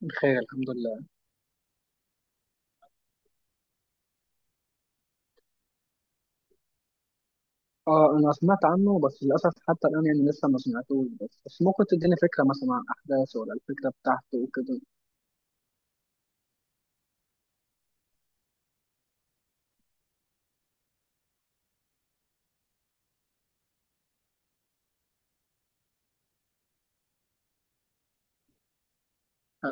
بخير، الحمد لله. اه، انا سمعت عنه بس للاسف حتى الان يعني لسه ما سمعتوش بس ممكن تديني فكره مثلا عن احداثه ولا الفكره بتاعته وكده. آه.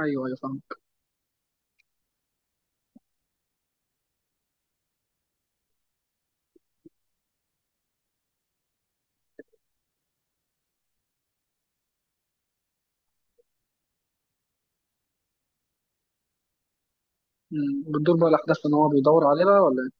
ايوه، ايوه، فاهمك. بتدور بقى الاحداث ان هو بيدور عليها ولا إيه؟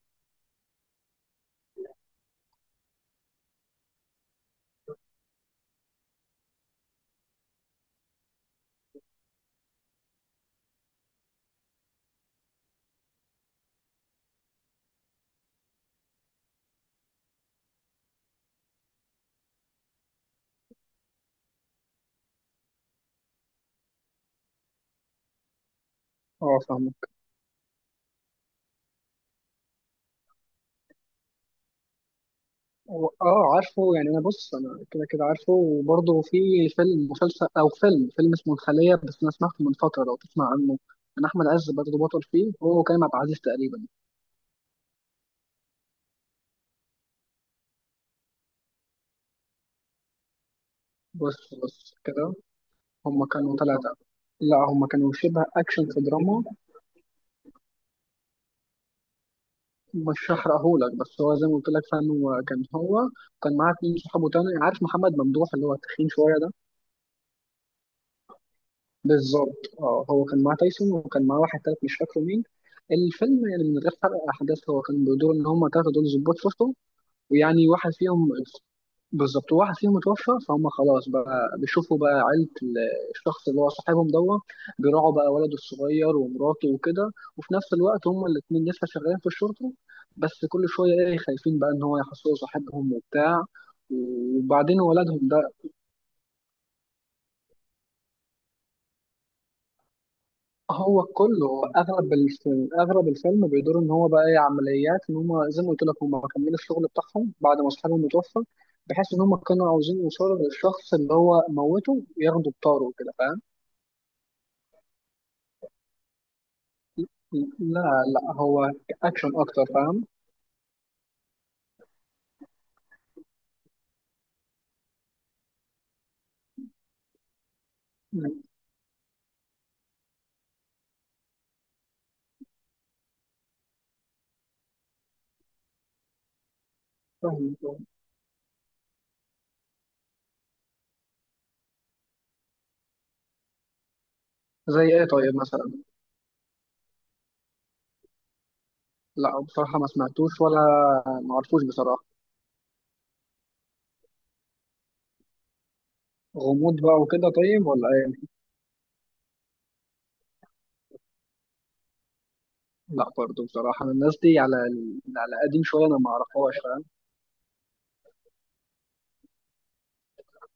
اه، فاهمك. اه، عارفه يعني. انا بص، انا كده كده عارفه، وبرضه في فيلم مسلسل او فيلم اسمه الخليه، بس انا سمعته من فتره، لو تسمع عنه. كان احمد عز برضه بطل فيه هو وكريم عبد العزيز تقريبا. بص بص كده. هما كانوا ثلاثه. لا، هما كانوا شبه اكشن في دراما. مش هحرقهولك، بس هو زي ما قلت لك فعلا هو كان معاه اتنين صحابه تاني، عارف محمد ممدوح اللي هو التخين شويه ده. بالظبط، اه، هو كان معاه تايسون، وكان معاه واحد تالت مش فاكره مين. الفيلم يعني من غير حرق احداث، هو كان بيدور ان هم تلاته دول ظباط شرطه، ويعني واحد فيهم، بالظبط واحد فيهم متوفى، فهم خلاص بقى بيشوفوا بقى عيلة الشخص اللي هو صاحبهم دوت. بيراعوا بقى ولده الصغير ومراته وكده، وفي نفس الوقت هم الاتنين لسه شغالين في الشرطة، بس كل شوية ايه خايفين بقى ان هو يحصلوا صاحبهم وبتاع. وبعدين ولدهم ده، هو كله، هو اغلب الفيلم بيدور ان هو بقى ايه عمليات، ان هم زي ما قلت لك هم كملوا الشغل بتاعهم بعد ما اصحابهم متوفى، بحيث ان هم كانوا عاوزين يوصلوا للشخص اللي هو موته ياخدوا بطاره كده، فاهم؟ لا، لا، هو اكشن اكتر، فاهم. فاهم، زي ايه طيب مثلا؟ لا، بصراحة ما سمعتوش ولا ما عرفوش بصراحة. غموض بقى وكده طيب ولا ايه؟ لا، برضه بصراحة أنا الناس دي على على قديم شوية، انا ما اعرفهاش، فاهم.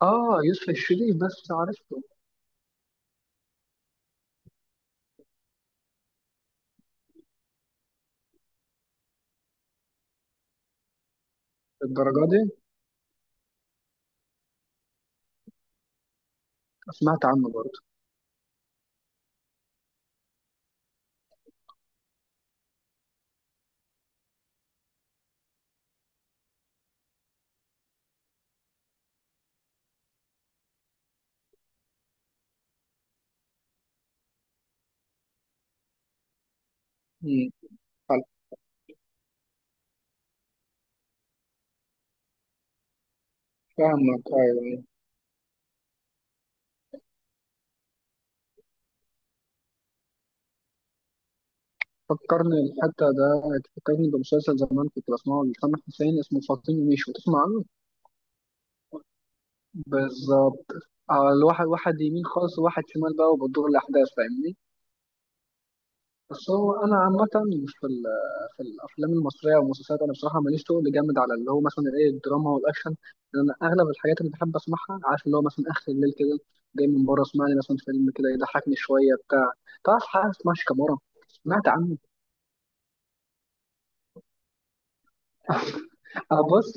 اه، يوسف الشريف بس عارف الدرجة دي. سمعت عنه برضه. مم. حلو. فاهمك، أيوة. فكرني الحتة ده، فكرني بمسلسل زمان كنت بسمعه لسامح حسين، اسمه فاطين وميشو، تسمع عنه؟ بالظبط. آه، الواحد واحد يمين خالص وواحد شمال بقى وبتدور الأحداث، فاهمني؟ بس هو انا عامه في ال- في الافلام المصريه والمسلسلات، انا بصراحه ماليش تقل جامد على اللي هو مثلا ايه الدراما والاكشن، لان انا اغلب الحاجات اللي بحب اسمعها، عارف، اللي هو مثلا اخر الليل كده جاي من بره، اسمع لي مثلا فيلم كده يضحكني شويه بتاع تعرف حاجه اسمها شيكامورا؟ سمعت عنه. أنا بص.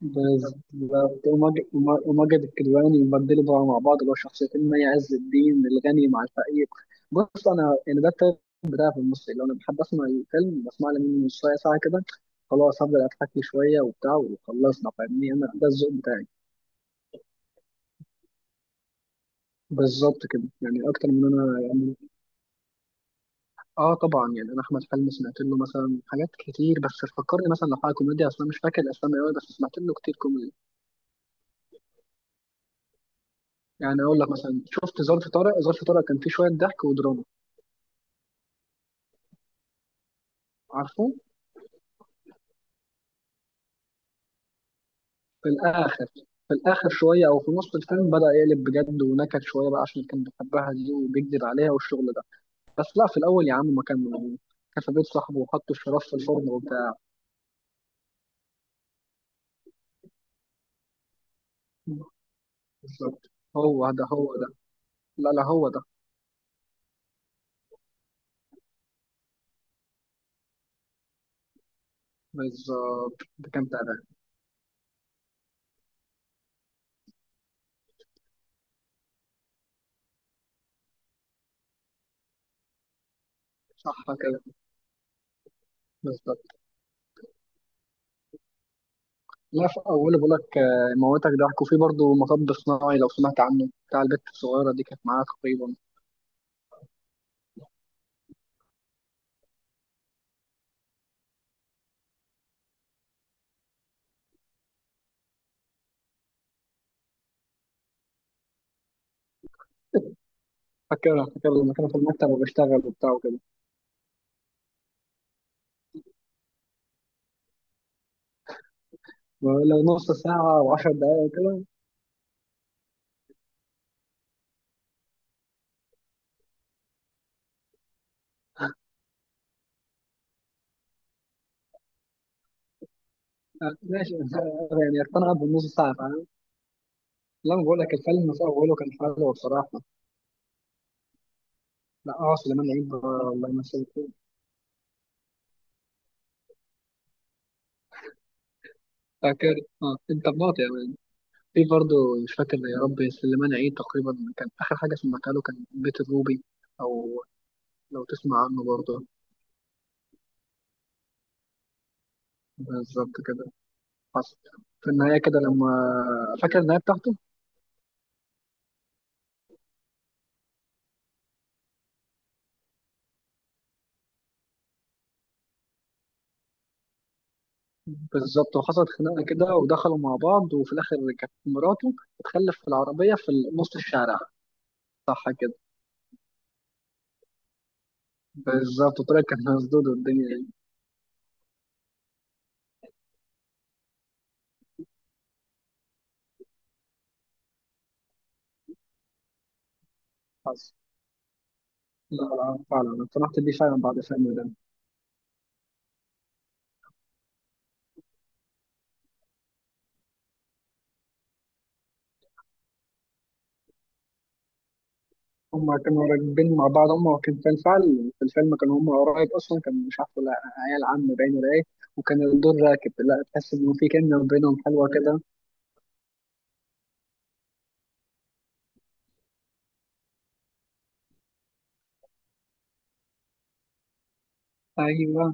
بالظبط، وماجد وماجد الكدواني يبدلوا بقى مع بعض، اللي هو شخصيتين مي عز الدين، الغني مع الفقير. بص، انا يعني ده التايب بتاعي في المصري، لو انا بحب اسمع الفيلم بسمع لي منه نص ساعه ساعه كده، خلاص، هفضل اضحك لي شويه وبتاع وخلصنا، فاهمني؟ انا ده الذوق بتاعي. بالظبط كده يعني، اكتر من انا يعني. اه، طبعا، يعني انا احمد حلمي سمعت له مثلا حاجات كتير، بس فكرني مثلا لو حاجه كوميديا، اصلا مش فاكر الاسامي قوي، بس سمعت له كتير كوميدي. يعني اقول لك مثلا شفت ظرف طارق؟ ظرف طارق كان فيه شويه ضحك ودراما. عارفه. في الاخر في الاخر شويه، او في نص الفيلم، بدا يقلب بجد ونكد شويه بقى، عشان كان بيحبها دي وبيكذب عليها والشغل ده. بس لا، في الاول يا عم ما كان. كان في بيت صاحبه وحط الشراب في الفرن وبتاع. بالظبط. هو ده، هو ده. لا، لا، هو ده بالظبط. ده كان تعبان. صح كده. بالظبط. لا في اوله، بقول لك، موتك ضحك، وفي برضه مطب صناعي لو سمعت عنه، بتاع البت الصغيره دي كانت معاه تقريبا. فاكرها. فاكر لما كانوا في المكتب وبيشتغل وبتاع وكده. لو نص ساعه و10 دقائق كده. آه، ماشي يعني اقتنع بالنص صعب أنا. لما بقول لك الفيلم في اوله كان حلو بصراحه. لا، اه، سليمان عيد، الله يمسيه. فاكر. اه، انت بناطق يعني. في برضه. مش فاكر يا ربي، سليمان عيد تقريبا كان اخر حاجه سمعتها له كان بيت الروبي، او لو تسمع عنه برضه. بالظبط كده. حصل. في النهايه كده لما. فاكر النهايه بتاعته. بالظبط، وحصلت خناقه كده، ودخلوا مع بعض، وفي الاخر كانت مراته بتخلف في العربيه في نص الشارع. صح كده. بالظبط، وطلعت كانت مسدود والدنيا يعني. حصل. لا، لا، فعلا اقتنعت بيه فعلا بعد فيلم ده. هما كانوا راكبين مع بعض، هما كان في الفعل في الفيلم كانوا هما قرايب اصلا، كان مش عارف ولا عيال عم باين ولا ايه، وكان الدور راكب. لا، تحس انه في كيمياء بينهم حلوه كده. ايوه.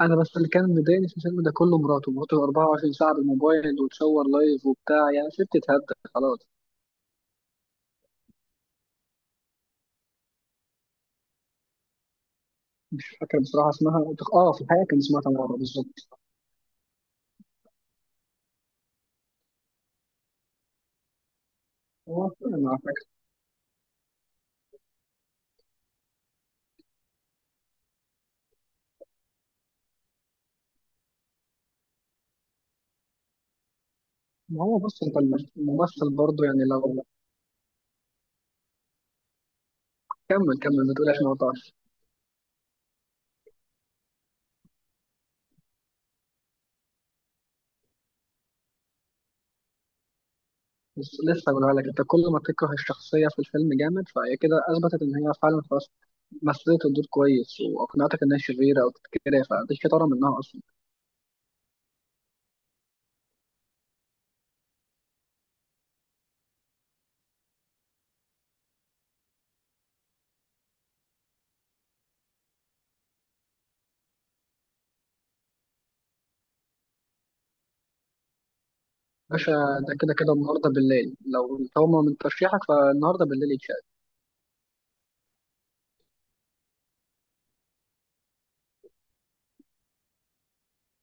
انا بس اللي كان مضايقني في الفيلم ده كله، مراته 24 ساعه بالموبايل وتصور لايف وبتاع، يعني شفت تتهد. خلاص. مش فاكر بصراحه اسمها. اه، في الحقيقه كان اسمها تمارا بالظبط. هو انا فاكر. ما هو، بص انت، الممثل برضه يعني لو. كمل كمل، ما تقولهاش، ما قطعش. بس لسه بقولها لك، انت كل ما تكره الشخصيه في الفيلم جامد فهي كده اثبتت ان هي فعلا، خلاص، مثلت الدور كويس واقنعتك انها شريره او كده، فدي شطاره منها اصلا. باشا، ده كده كده النهارده بالليل، لو طالما من ترشيحك فالنهارده بالليل يتشاف.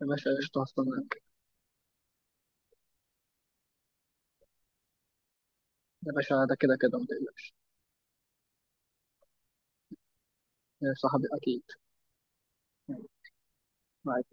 يا باشا قشطه، هستناك. يا باشا، ده كده كده ما تقلقش. يا صاحبي اكيد. معاك.